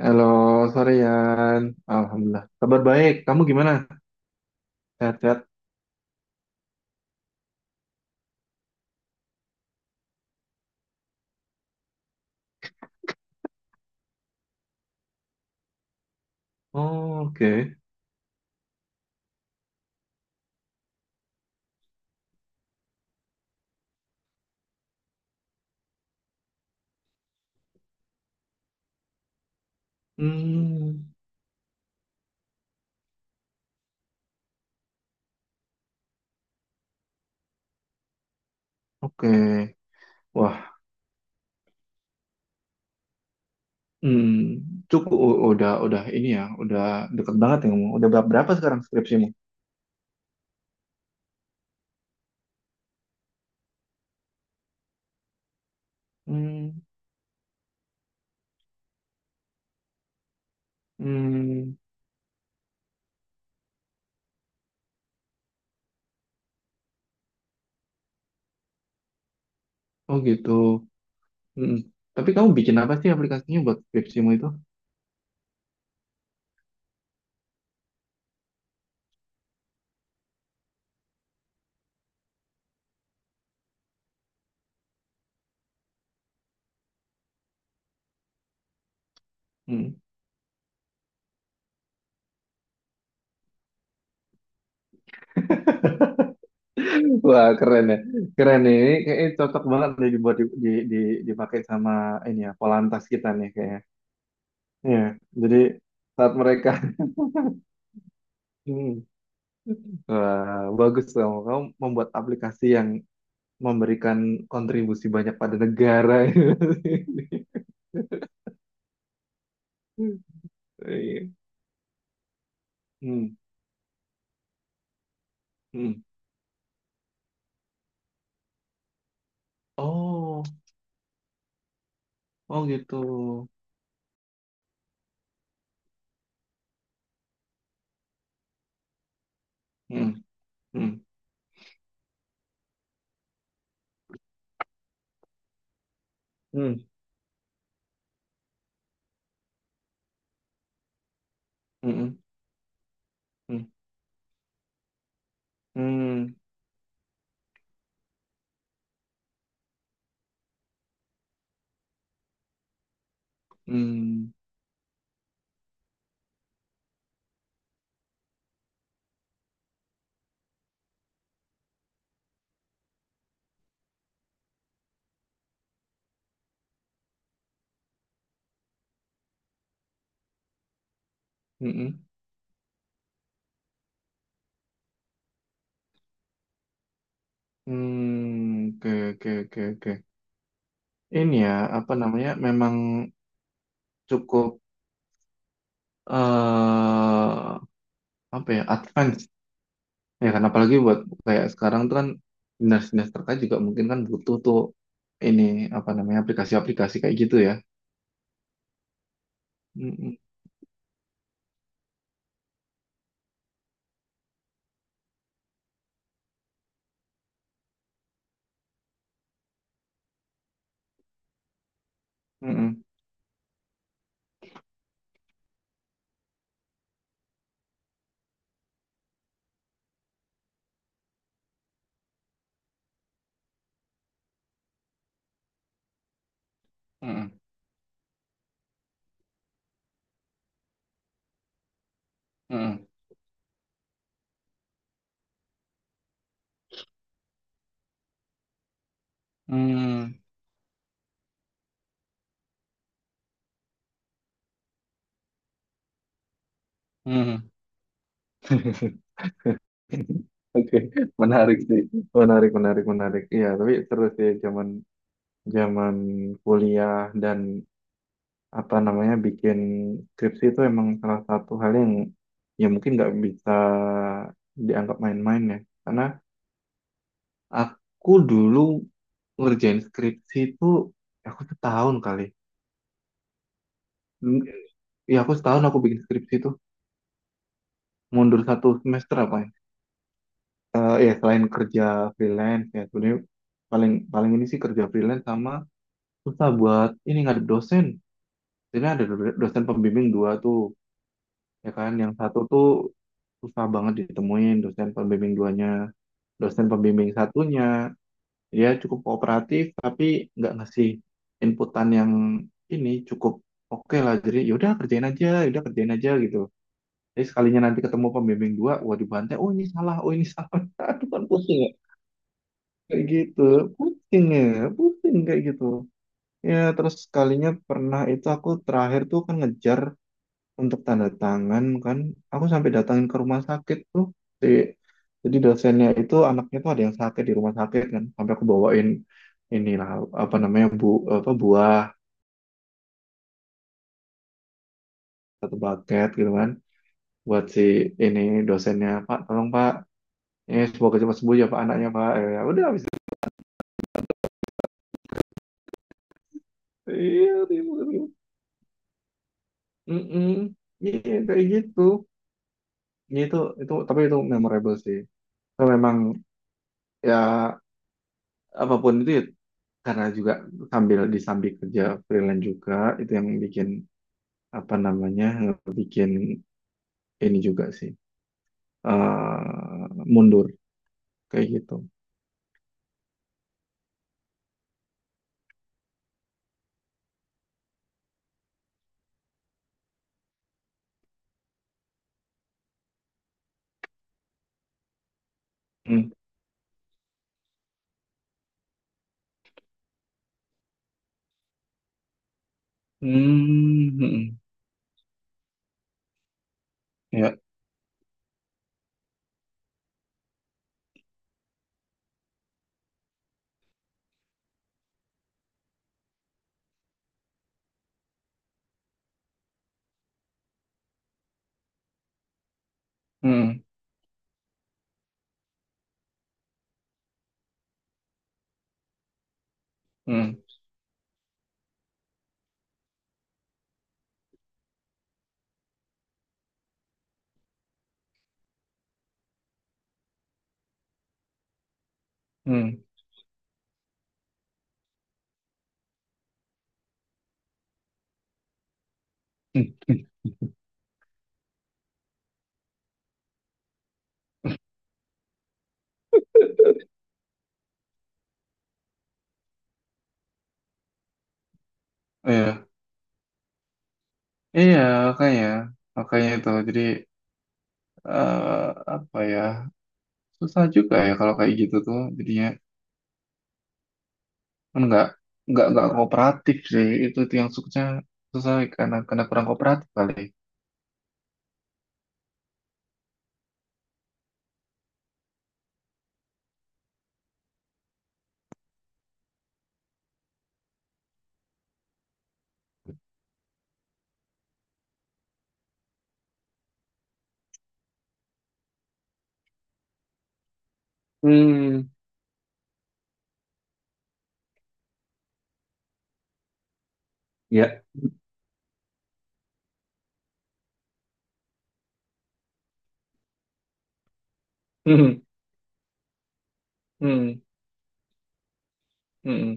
Halo, sore Yan. Alhamdulillah. Kabar baik. Kamu gimana? Sehat-sehat? Oh, oke. Hmm, oke. Wah, hmm, cukup udah ini ya, udah deket banget ya kamu. Udah berapa berapa sekarang skripsimu? Hmm, hmm. Oh gitu. Hmm. Tapi kamu bikin apa sih aplikasinya buat skripsimu itu? Hmm. Wah, keren ya. Keren nih. Ini kayaknya cocok banget nih dibuat dipakai sama ini ya, Polantas kita nih kayaknya. Iya, jadi saat mereka Hmm. Wah, bagus kamu. Kamu membuat aplikasi yang memberikan kontribusi banyak pada negara. Iya. Hmm. Hmm. Oh, oh gitu. Hmm. Hmm. Hmm. Hmm. Hmm. Hmm. Hmm. Hmm. Hmm. Hmm. Oke, oke, oke, oke. Ini ya, apa namanya? Memang cukup eh apa ya? Advance. Ya kan, apalagi buat kayak sekarang tuh kan dinas-dinas terkait juga mungkin kan butuh tuh ini, apa namanya, aplikasi-aplikasi kayak gitu ya. Mm-mm, mm-mm. Mm-mm, mm-mm, mm, mm. Oke, menarik sih. Menarik, menarik, menarik. Iya, tapi terus ya zaman zaman kuliah dan apa namanya bikin skripsi itu emang salah satu hal yang ya mungkin nggak bisa dianggap main-main ya. Karena aku dulu ngerjain skripsi itu ya aku setahun kali. Ya aku setahun aku bikin skripsi itu, mundur satu semester apa ya? Ya selain kerja freelance ya sebenarnya paling paling ini sih, kerja freelance sama susah buat ini ngadep dosen. Jadi ada dosen pembimbing dua tuh, ya kan, yang satu tuh susah banget ditemuin, dosen pembimbing duanya. Dosen pembimbing satunya dia cukup kooperatif tapi nggak ngasih inputan yang ini, cukup oke lah, jadi yaudah kerjain aja, yaudah kerjain aja gitu. Jadi sekalinya nanti ketemu pembimbing dua, wah dibantai, oh ini salah, oh ini salah. Aduh, kan pusing ya kayak gitu. Pusing ya, pusing kayak gitu ya. Terus sekalinya pernah itu, aku terakhir tuh kan ngejar untuk tanda tangan kan, aku sampai datangin ke rumah sakit tuh, si, jadi dosennya itu anaknya tuh ada yang sakit di rumah sakit kan, sampai aku bawain inilah apa namanya, apa, buah, satu bucket gitu kan, buat si ini dosennya, Pak tolong Pak, ini semoga cepat sembuh ya Pak, anaknya Pak, ya ya udah, habis itu, iya ribut, ribut. Mm-mm. Iya, kayak gitu. Iya, itu tapi itu memorable sih. Tapi memang ya, apapun itu ya, karena juga sambil disambi kerja freelance juga, itu yang bikin apa namanya, bikin ini juga sih eh mundur kayak gitu. Hmm. Hmm. Hmm, ya. Hmm. Hmm. Hmm. Hmm. Iya. Iya, makanya. Makanya itu. Jadi eh apa ya? Susah juga ya kalau kayak gitu tuh. Jadinya kan nggak kooperatif sih. Itu yang susah, susah karena kurang kooperatif kali. Hmm. Ya, hmm, hmm,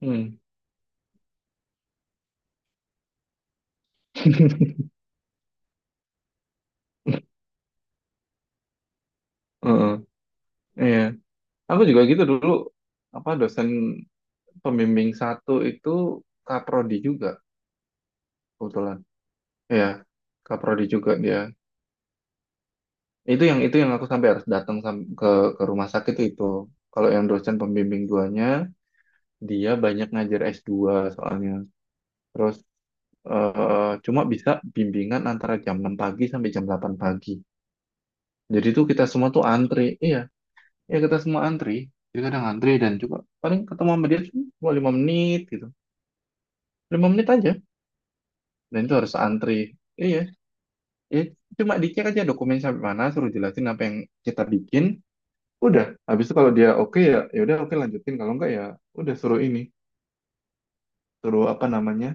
hmm. Heeh, iya. Aku juga gitu dulu, apa, dosen pembimbing satu itu kaprodi juga kebetulan. Iya, kaprodi juga dia. Itu yang aku sampai harus datang ke rumah sakit itu. Kalau yang dosen pembimbing duanya, dia banyak ngajar S2 soalnya. Terus cuma bisa bimbingan antara jam 6 pagi sampai jam 8 pagi. Jadi tuh kita semua tuh antri. Iya, ya kita semua antri, jadi kadang antri, dan juga paling ketemu sama dia cuma 5 menit gitu, 5 menit aja, dan itu harus antri. Iya ya, cuma dicek aja dokumen sampai mana, suruh jelasin apa yang kita bikin, udah. Habis itu kalau dia oke, ya ya udah oke, lanjutin. Kalau enggak ya udah, suruh ini, suruh apa namanya,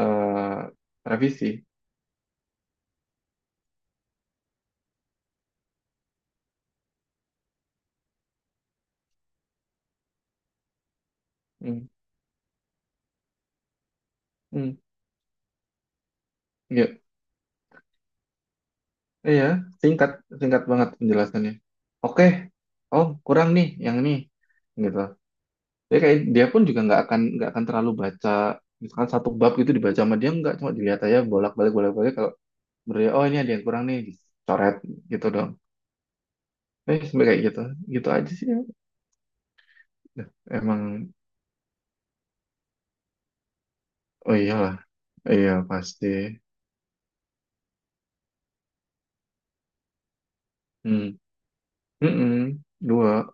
eh revisi. Hmm. Hmm. Ya, iya, singkat, singkat banget penjelasannya, oke, oh kurang nih yang ini, gitu. Dia kayak, dia pun juga nggak akan terlalu baca misalkan satu bab gitu, dibaca sama dia nggak, cuma dilihat aja bolak-balik. Kalau menurut dia, oh ini ada yang kurang nih, dicoret gitu dong. Sampai kayak gitu, gitu aja sih, ya. Nah, emang. Oh iyalah, iya pasti. Hmm. Mm-mm. Dua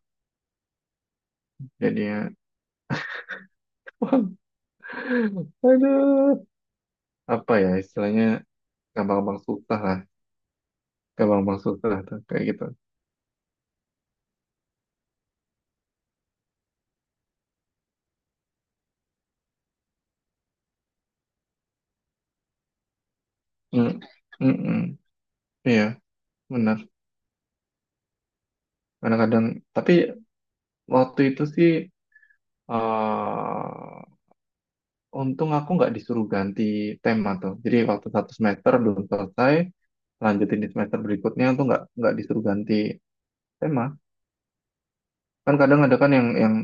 jadinya. Wah, aduh. Apa ya istilahnya, gampang-gampang susah lah. Gampang-gampang susah lah tuh kayak gitu. Mm. Mm-mm. Iya, benar. Kadang-kadang tapi waktu itu sih eh untung aku nggak disuruh ganti tema tuh. Jadi waktu satu semester belum selesai, lanjutin di semester berikutnya tuh nggak disuruh ganti tema. Kan kadang ada kan yang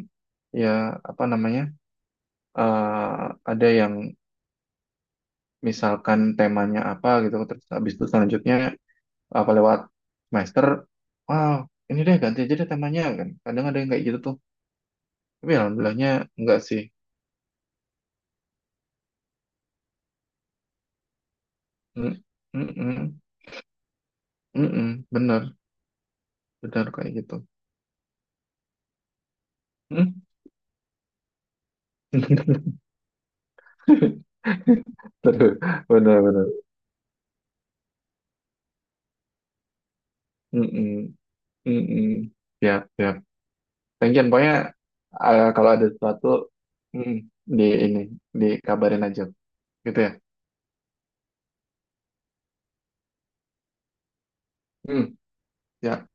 ya apa namanya ada yang misalkan temanya apa gitu, terus habis itu selanjutnya apa lewat semester, wow ini deh ganti aja deh temanya kan. Kadang ada yang kayak gitu tuh. Tapi alhamdulillahnya enggak sih. Mm, mm, mm, mm, mm, bener, bener kayak gitu. Mm. Aduh, benar-benar. Mm-mm, mm-mm. Ya, ya. Thank you. Pokoknya kalau ada sesuatu, mm, di ini dikabarin aja, gitu ya. Mm, ya.